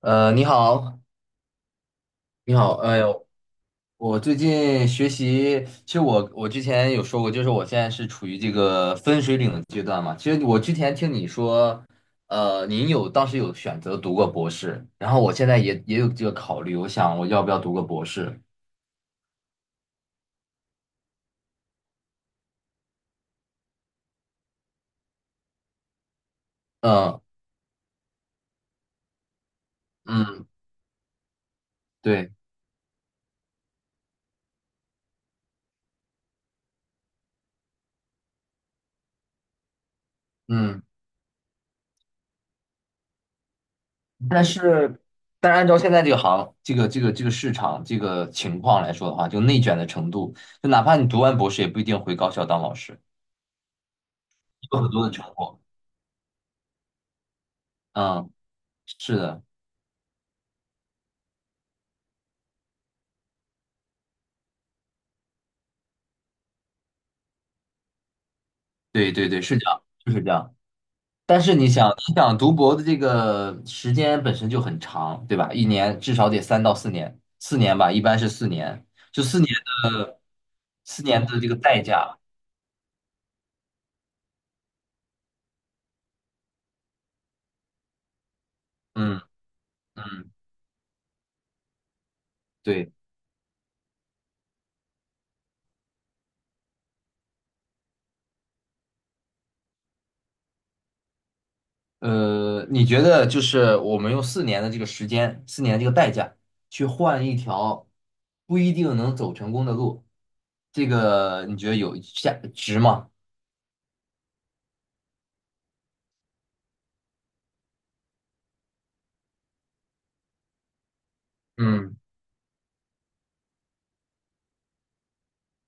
你好，你好，哎呦。我最近学习，其实我之前有说过，就是我现在是处于这个分水岭的阶段嘛。其实我之前听你说，当时有选择读过博士，然后我现在也有这个考虑，我想我要不要读个博士？嗯嗯，对，嗯，但是但是按照现在这个这个市场这个情况来说的话，就内卷的程度，就哪怕你读完博士，也不一定回高校当老师，有很多的成果。嗯，是的。对对对，是这样，就是这样。但是你想，你想读博的这个时间本身就很长，对吧？1年至少得3到4年，四年吧，一般是四年。就的，四年的这个代价。嗯嗯，对。你觉得就是我们用四年的这个时间，四年这个代价，去换一条不一定能走成功的路，这个你觉得有价值吗？嗯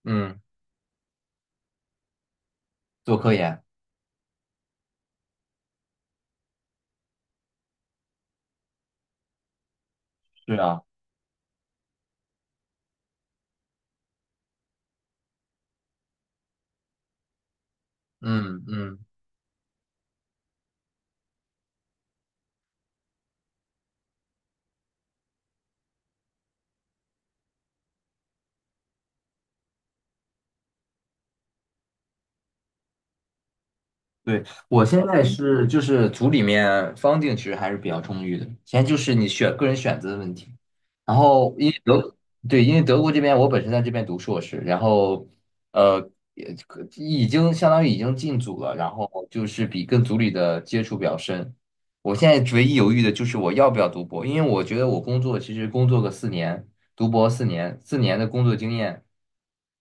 嗯，做科研，是啊。嗯嗯，对，我现在是就是组里面方 u 其实还是比较充裕的，现在就是你选个人选择的问题。然后因为德，对，因为德国这边我本身在这边读硕士，然后呃也可已经相当于已经进组了，然后就是比跟组里的接触比较深。我现在唯一犹豫的就是我要不要读博，因为我觉得我工作其实工作个四年，读博四年，四年的工作经验。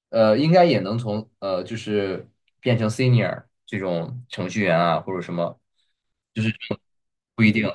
应该也能从就是变成 senior 这种程序员啊，或者什么，就是不一定。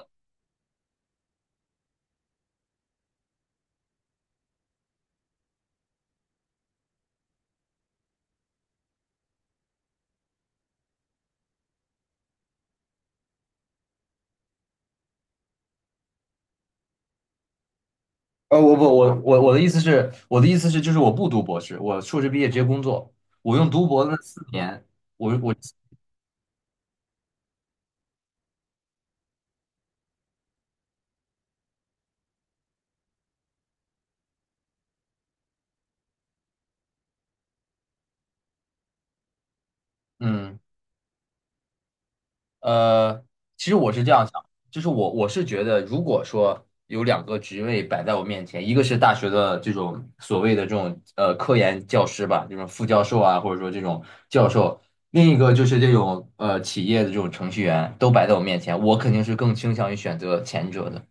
呃，我不，我的意思是，就是我不读博士，我硕士毕业直接工作，我用读博的那四年，我嗯。呃，其实我是这样想，就是我是觉得，如果说有两个职位摆在我面前，一个是大学的这种所谓的这种科研教师吧，这种副教授啊，或者说这种教授，另一个就是这种企业的这种程序员，都摆在我面前，我肯定是更倾向于选择前者的。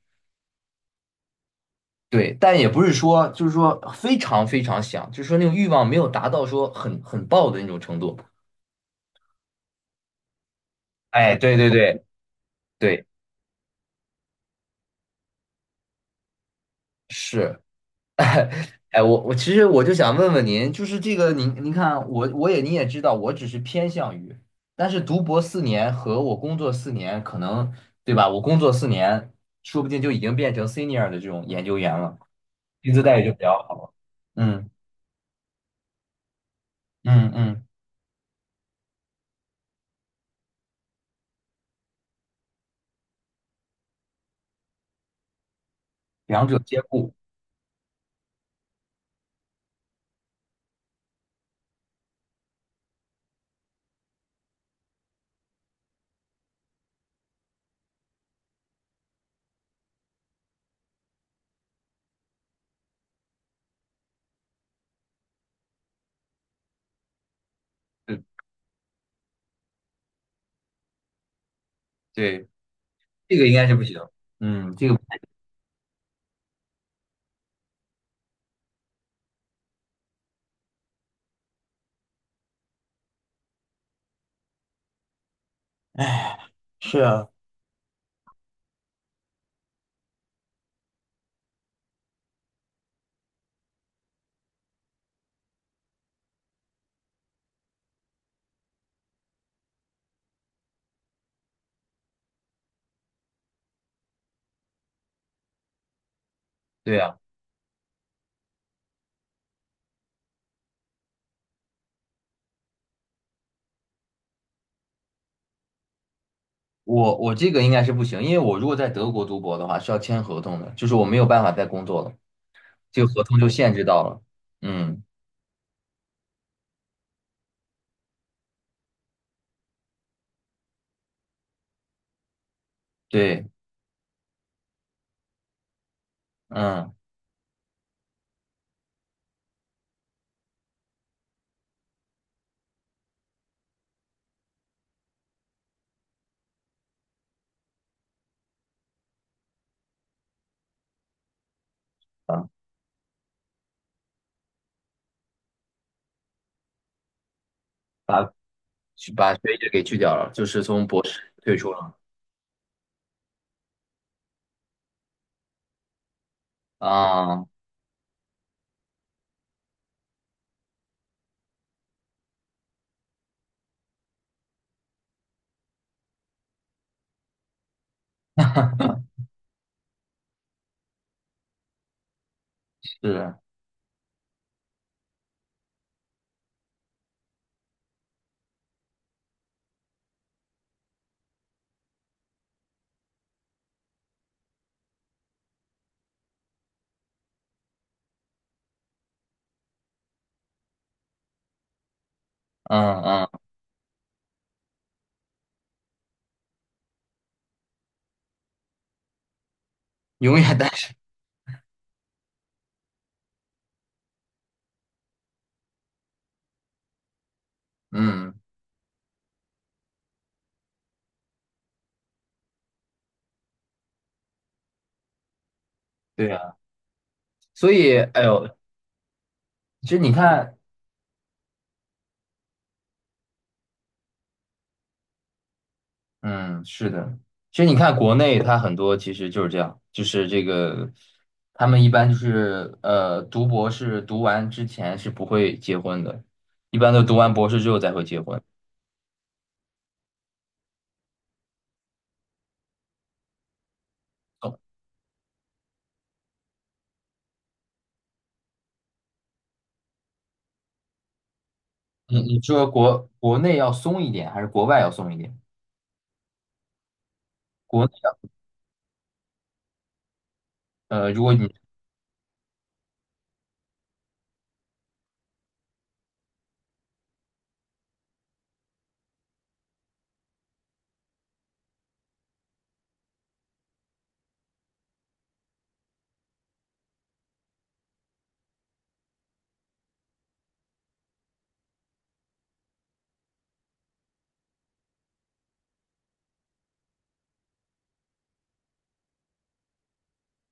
对，但也不是说就是说非常非常想，就是说那种欲望没有达到说很爆的那种程度。哎，对对对对，是。哎，我其实我就想问问您，就是这个您看啊我也您也知道，我只是偏向于，但是读博四年和我工作四年，可能对吧？我工作四年，说不定就已经变成 senior 的这种研究员了，薪资待遇就比较好了。嗯嗯嗯，两者兼顾，对对，这个应该是不行。嗯，这个是啊，对啊，我这个应该是不行，因为我如果在德国读博的话是要签合同的，就是我没有办法再工作了，这个合同就限制到了。嗯。对，嗯，把把把学者给去掉了，就是从博士退出了。啊，是，嗯嗯，永远单身。嗯，对啊，所以，哎呦，其实你看，嗯，是的，其实你看国内它很多其实就是这样，就是这个，他们一般就是读博士读完之前是不会结婚的，一般都读完博士之后才会结婚。哦，你说国内要松一点，还是国外要松一点？国内要如果你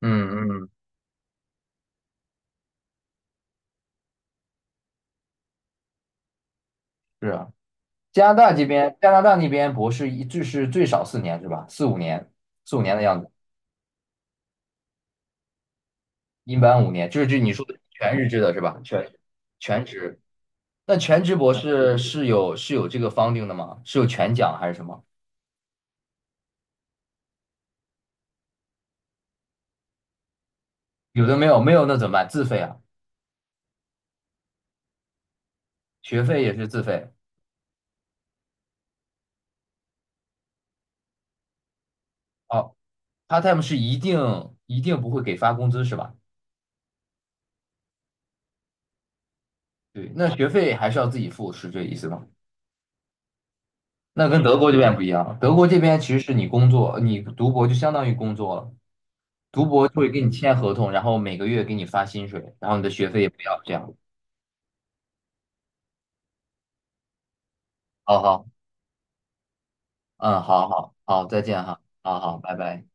嗯嗯，是啊。加拿大这边，加拿大那边博士就是最少四年是吧？四五年，四五年的样子，一般五年，就是就你说的全日制的是吧？全职，那全职博士是有这个 funding 的吗？是有全奖还是什么？有的没有，没有那怎么办？自费啊，学费也是自费。哦，part time 是一定不会给发工资是吧？对，那学费还是要自己付，是这意思吗？那跟德国这边不一样，德国这边其实是你工作，你读博就相当于工作了。读博就会给你签合同，然后每个月给你发薪水，然后你的学费也不要，这样。好好，嗯，好好好，再见哈，好好，拜拜。